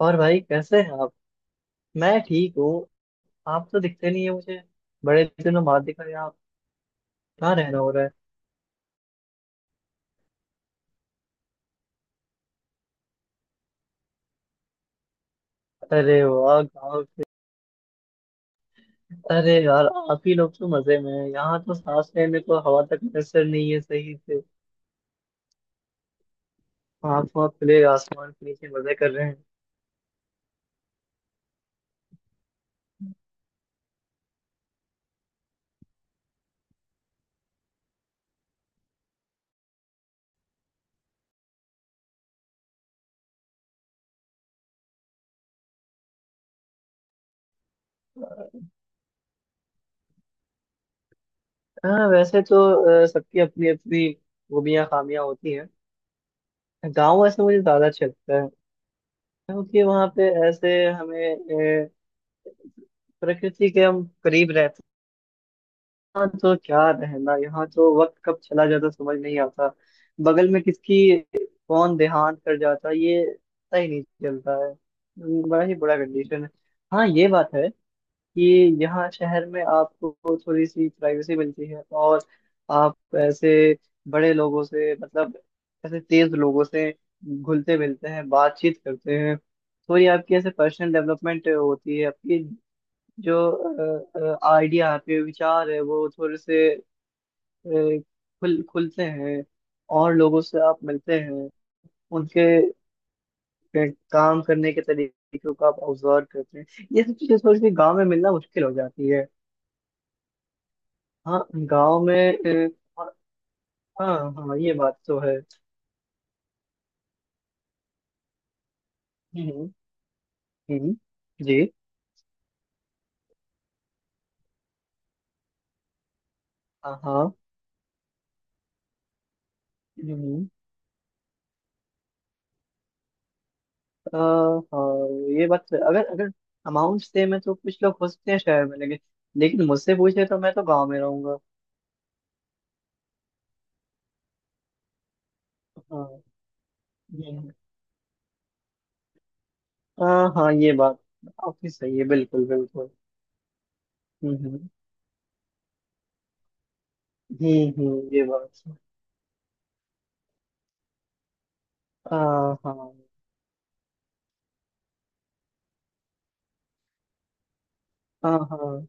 और भाई कैसे हैं आप। मैं ठीक हूँ। आप तो दिखते नहीं है मुझे, बड़े दिनों बाद दिखा यार आप। कहाँ रहना हो रहा है? अरे वाह, गाँव के। अरे यार, आप ही लोग तो मजे में हैं। यहाँ तो सांस लेने को हवा तक मैसर नहीं है सही से। आँख वहाँ खुले आसमान के नीचे मजे कर रहे हैं। हाँ वैसे तो सबकी अपनी अपनी खूबियाँ खामियाँ होती हैं। गाँव ऐसे मुझे ज्यादा अच्छा लगता है, क्योंकि वहाँ पे ऐसे हमें अ, प्रकृति के हम करीब रहते हैं। यहाँ तो क्या रहना, यहाँ तो वक्त कब चला जाता समझ नहीं आता। बगल में किसकी कौन देहांत कर जाता ये पता ही नहीं चलता है। बड़ा ही बुरा कंडीशन है। हाँ ये बात है कि यहाँ शहर में आपको थोड़ी सी प्राइवेसी मिलती है, और आप ऐसे बड़े लोगों से, मतलब ऐसे तेज लोगों से घुलते मिलते हैं, बातचीत करते हैं। थोड़ी आपकी ऐसे पर्सनल डेवलपमेंट होती है, आपकी जो आइडिया है विचार है वो थोड़े से खुल खुलते हैं। और लोगों से आप मिलते हैं, उनके अ, काम करने के तरीकों को आप ऑब्जर्व करते हैं। ये सब चीजें थोड़ी सी गांव में मिलना मुश्किल हो जाती है। हाँ गांव में, अ, हाँ हाँ हाँ, ये बात तो है। हम्म हम्म, जी। हाँ हाँ। हम्म, हाँ ये बात तो है। अगर अगर अमाउंट सेम है तो कुछ लोग हो सकते हैं शहर में, लेकिन लेकिन मुझसे पूछे तो मैं तो गांव में रहूंगा। हाँ। हम्म। हाँ हाँ ये बात काफी सही है, बिल्कुल बिल्कुल। हम्म। ये बात सही। हाँ हाँ हाँ। हाँ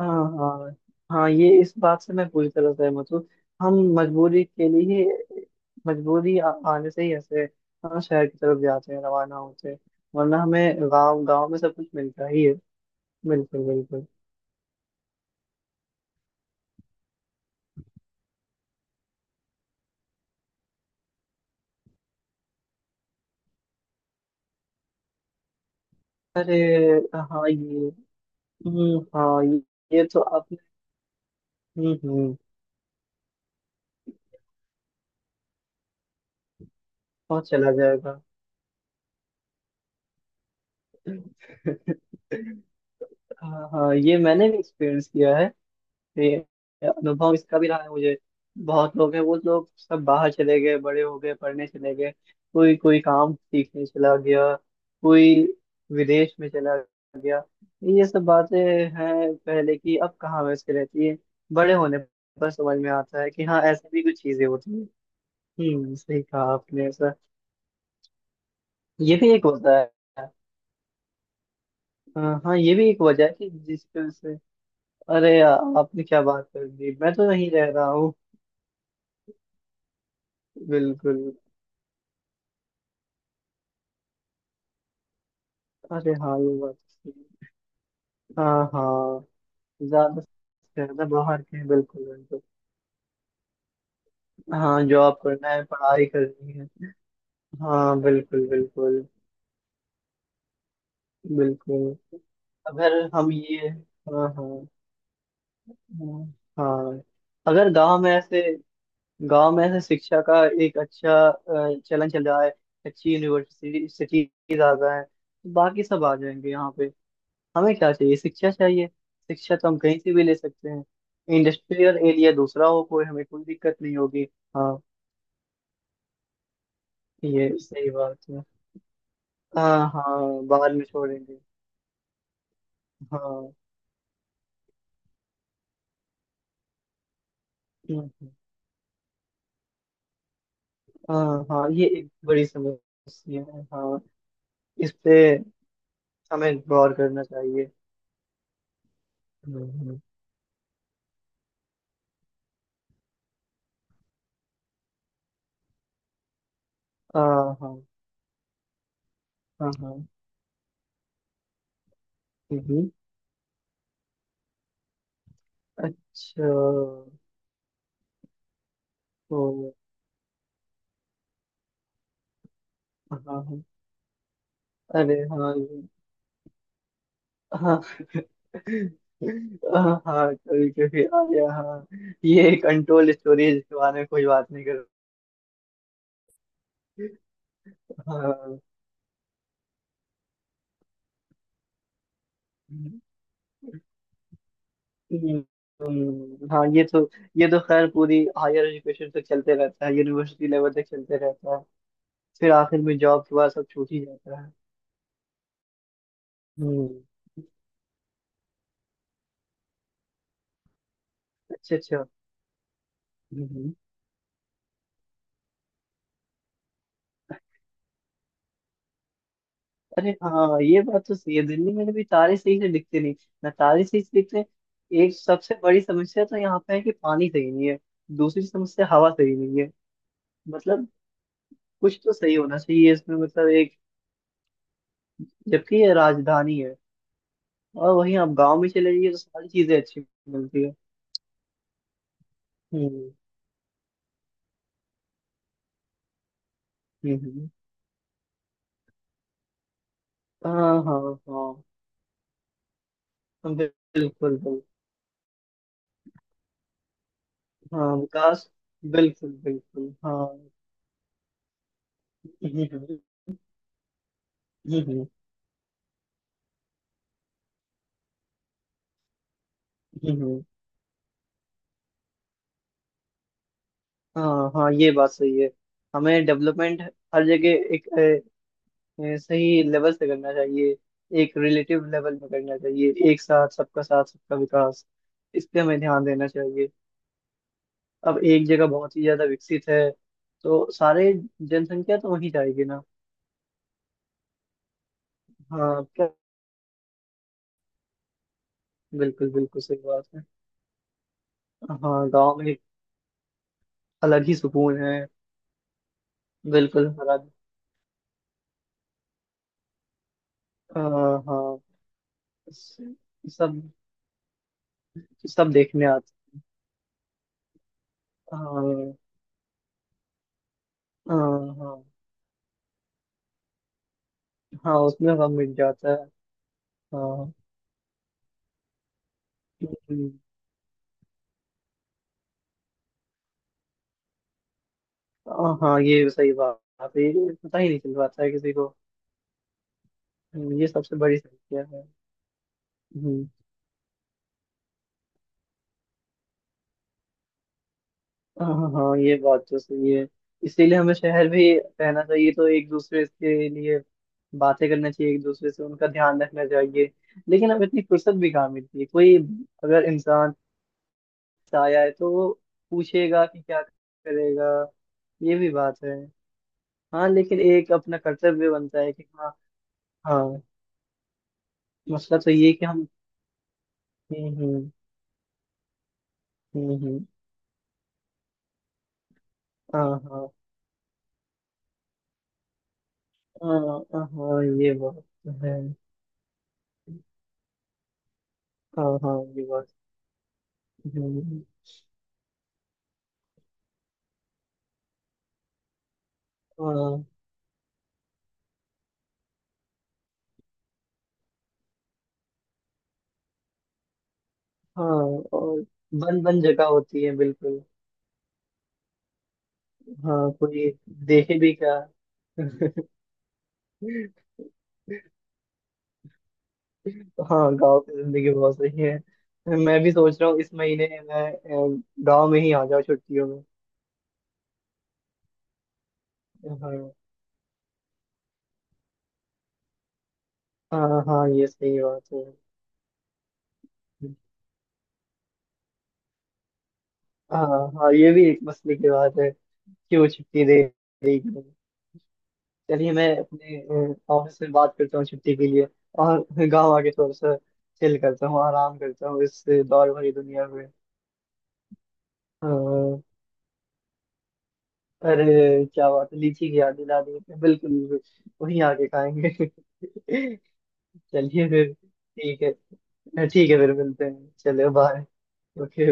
हाँ। हाँ हाँ ये इस बात से मैं पूरी तरह सहमत हूँ। हम मजबूरी के लिए ही- मजबूरी आने से ही ऐसे हाँ शहर की तरफ जाते हैं, रवाना होते हैं। वरना हमें गांव, गांव में सब कुछ मिलता ही है। बिल्कुल बिल्कुल। अरे हाँ ये, हाँ ये तो आपने। हम्म। और चला जाएगा। हाँ हाँ ये मैंने भी एक्सपीरियंस किया है, ये अनुभव इसका भी रहा है मुझे। बहुत लोग हैं, वो लोग सब बाहर चले गए, बड़े हो गए, पढ़ने चले गए, कोई कोई काम सीखने चला गया, कोई विदेश में चला गया। ये सब बातें हैं पहले की, अब कहाँ वैसे रहती है। बड़े होने पर समझ में आता है कि हाँ ऐसे भी कुछ चीजें होती हैं। हम्म, सही कहा आपने ऐसा। ये भी एक होता है। हाँ हाँ, ये भी एक वजह है कि जिस, अरे यार आपने क्या बात कर दी, मैं तो नहीं रह रहा हूँ। बिल्कुल। अरे हाँ ये बात तो सही है। हाँ हाँ, ज्यादा से ज्यादा बाहर के हैं, बिल्कुल बिल्कुल। हाँ जॉब करना है, पढ़ाई करनी है। हाँ बिल्कुल बिल्कुल। बिल्कुल। अगर हम ये, हाँ हाँ। हाँ हाँ। अगर गांव में ऐसे, गांव में ऐसे शिक्षा का एक अच्छा चलन चल रहा है, अच्छी यूनिवर्सिटी सिटीज आ गए हैं, तो बाकी सब आ जाएंगे यहाँ पे। हमें क्या चाहिए, शिक्षा चाहिए। शिक्षा तो हम कहीं से भी ले सकते हैं। इंडस्ट्रियल एरिया दूसरा हो, कोई हमें कोई दिक्कत नहीं होगी। हाँ ये सही बात है। हाँ हाँ बाद में छोड़ेंगे। हाँ। हम्म, हम्म। हाँ हाँ ये एक बड़ी समस्या है। हाँ, इस पे हमें गौर करना चाहिए। हम्म, हम्म, हाँ हाँ। हाँ हाँ। हम्म, अच्छा, तो हाँ हाँ। अरे हाँ ये-, हाँ हाँ हाँ कभी कभी आया हाँ। ये कंट्रोल स्टोरेज के बारे में कोई बात नहीं कर। हाँ। हम्म, हाँ ये तो, ये तो खैर पूरी हायर एजुकेशन तक चलते रहता है, यूनिवर्सिटी लेवल तक चलते रहता है। फिर आखिर में जॉब के बाद सब छूट ही जाता है। हम्म। अच्छा अच्छा। हम्म, अरे हाँ ये बात तो सही है, दिल्ली में भी तारे सही से दिखते नहीं, ना तारे सही से दिखते। एक सबसे बड़ी समस्या तो यहाँ पे है कि पानी सही नहीं है, दूसरी समस्या हवा सही नहीं है। मतलब कुछ तो सही होना चाहिए इसमें, मतलब एक, जबकि ये राजधानी है। और वहीं आप गांव में चले जाइए तो सारी चीजें अच्छी मिलती है। हम्म। हम्म हाँ हाँ। हाँ बिल्कुल बिल्कुल। हाँ विकास, बिल्कुल बिल्कुल हाँ। हम्म। हम्म, हम्म, हाँ हाँ ये बात सही है। हमें डेवलपमेंट हर जगह एक सही लेवल से करना चाहिए, एक रिलेटिव लेवल में करना चाहिए। एक साथ, सबका साथ सबका विकास, इस पे हमें ध्यान देना चाहिए। अब एक जगह बहुत ही ज्यादा विकसित है तो सारे जनसंख्या तो वहीं जाएगी ना। हाँ क्या। बिल्कुल बिल्कुल सही बात है। हाँ गांव में एक अलग ही सुकून है। बिल्कुल हरा। हाँ हाँ। सब, सब देखने आते। हाँ। हाँ हाँ। हाँ उसमें सब मिट जाता है। हाँ। हम्म, हाँ हाँ, ये सही बात है। ये पता ही नहीं चल पाता है किसी को। ये सबसे बड़ी समस्या है। हम्म। हाँ हाँ हाँ, ये बात तो सही है। इसीलिए हमें शहर भी रहना चाहिए तो एक दूसरे के लिए बातें करना चाहिए, एक दूसरे से उनका ध्यान रखना चाहिए। लेकिन अब इतनी फुर्सत भी कहाँ मिलती है कोई। अगर इंसान आया है तो वो पूछेगा कि क्या करेगा, ये भी बात है। हाँ लेकिन एक अपना कर्तव्य बनता है कि हाँ। हाँ। मसला तो ये है कि हम। हम्म। हम्म हम्म, हाँ हाँ। हाँ हाँ, हाँ, ये बात तो है। हाँ हाँ ये बात। हम्म, हाँ। हाँ और बंद बंद जगह होती है बिल्कुल। हाँ कोई देखे भी क्या। हाँ गांव की जिंदगी बहुत सही है, मैं भी सोच रहा हूँ इस महीने मैं गांव में ही आ जाऊँ छुट्टियों में। हाँ। हाँ हाँ ये सही बात है। हाँ हाँ ये भी एक मसले की बात है, क्यों छुट्टी दे रही क्यों नहीं। चलिए मैं अपने ऑफिस में बात करता हूँ छुट्टी के लिए, और गांव आके थोड़ा सा चिल करता हूँ, आराम करता हूँ इस दौड़ भरी दुनिया में। हाँ। अरे क्या बात है, लीची की याद दिला दी आपने, बिल्कुल बिल्कुल वहीं आके खाएंगे। चलिए फिर ठीक है। ठीक है फिर मिलते हैं, चलिए बाय। ओके।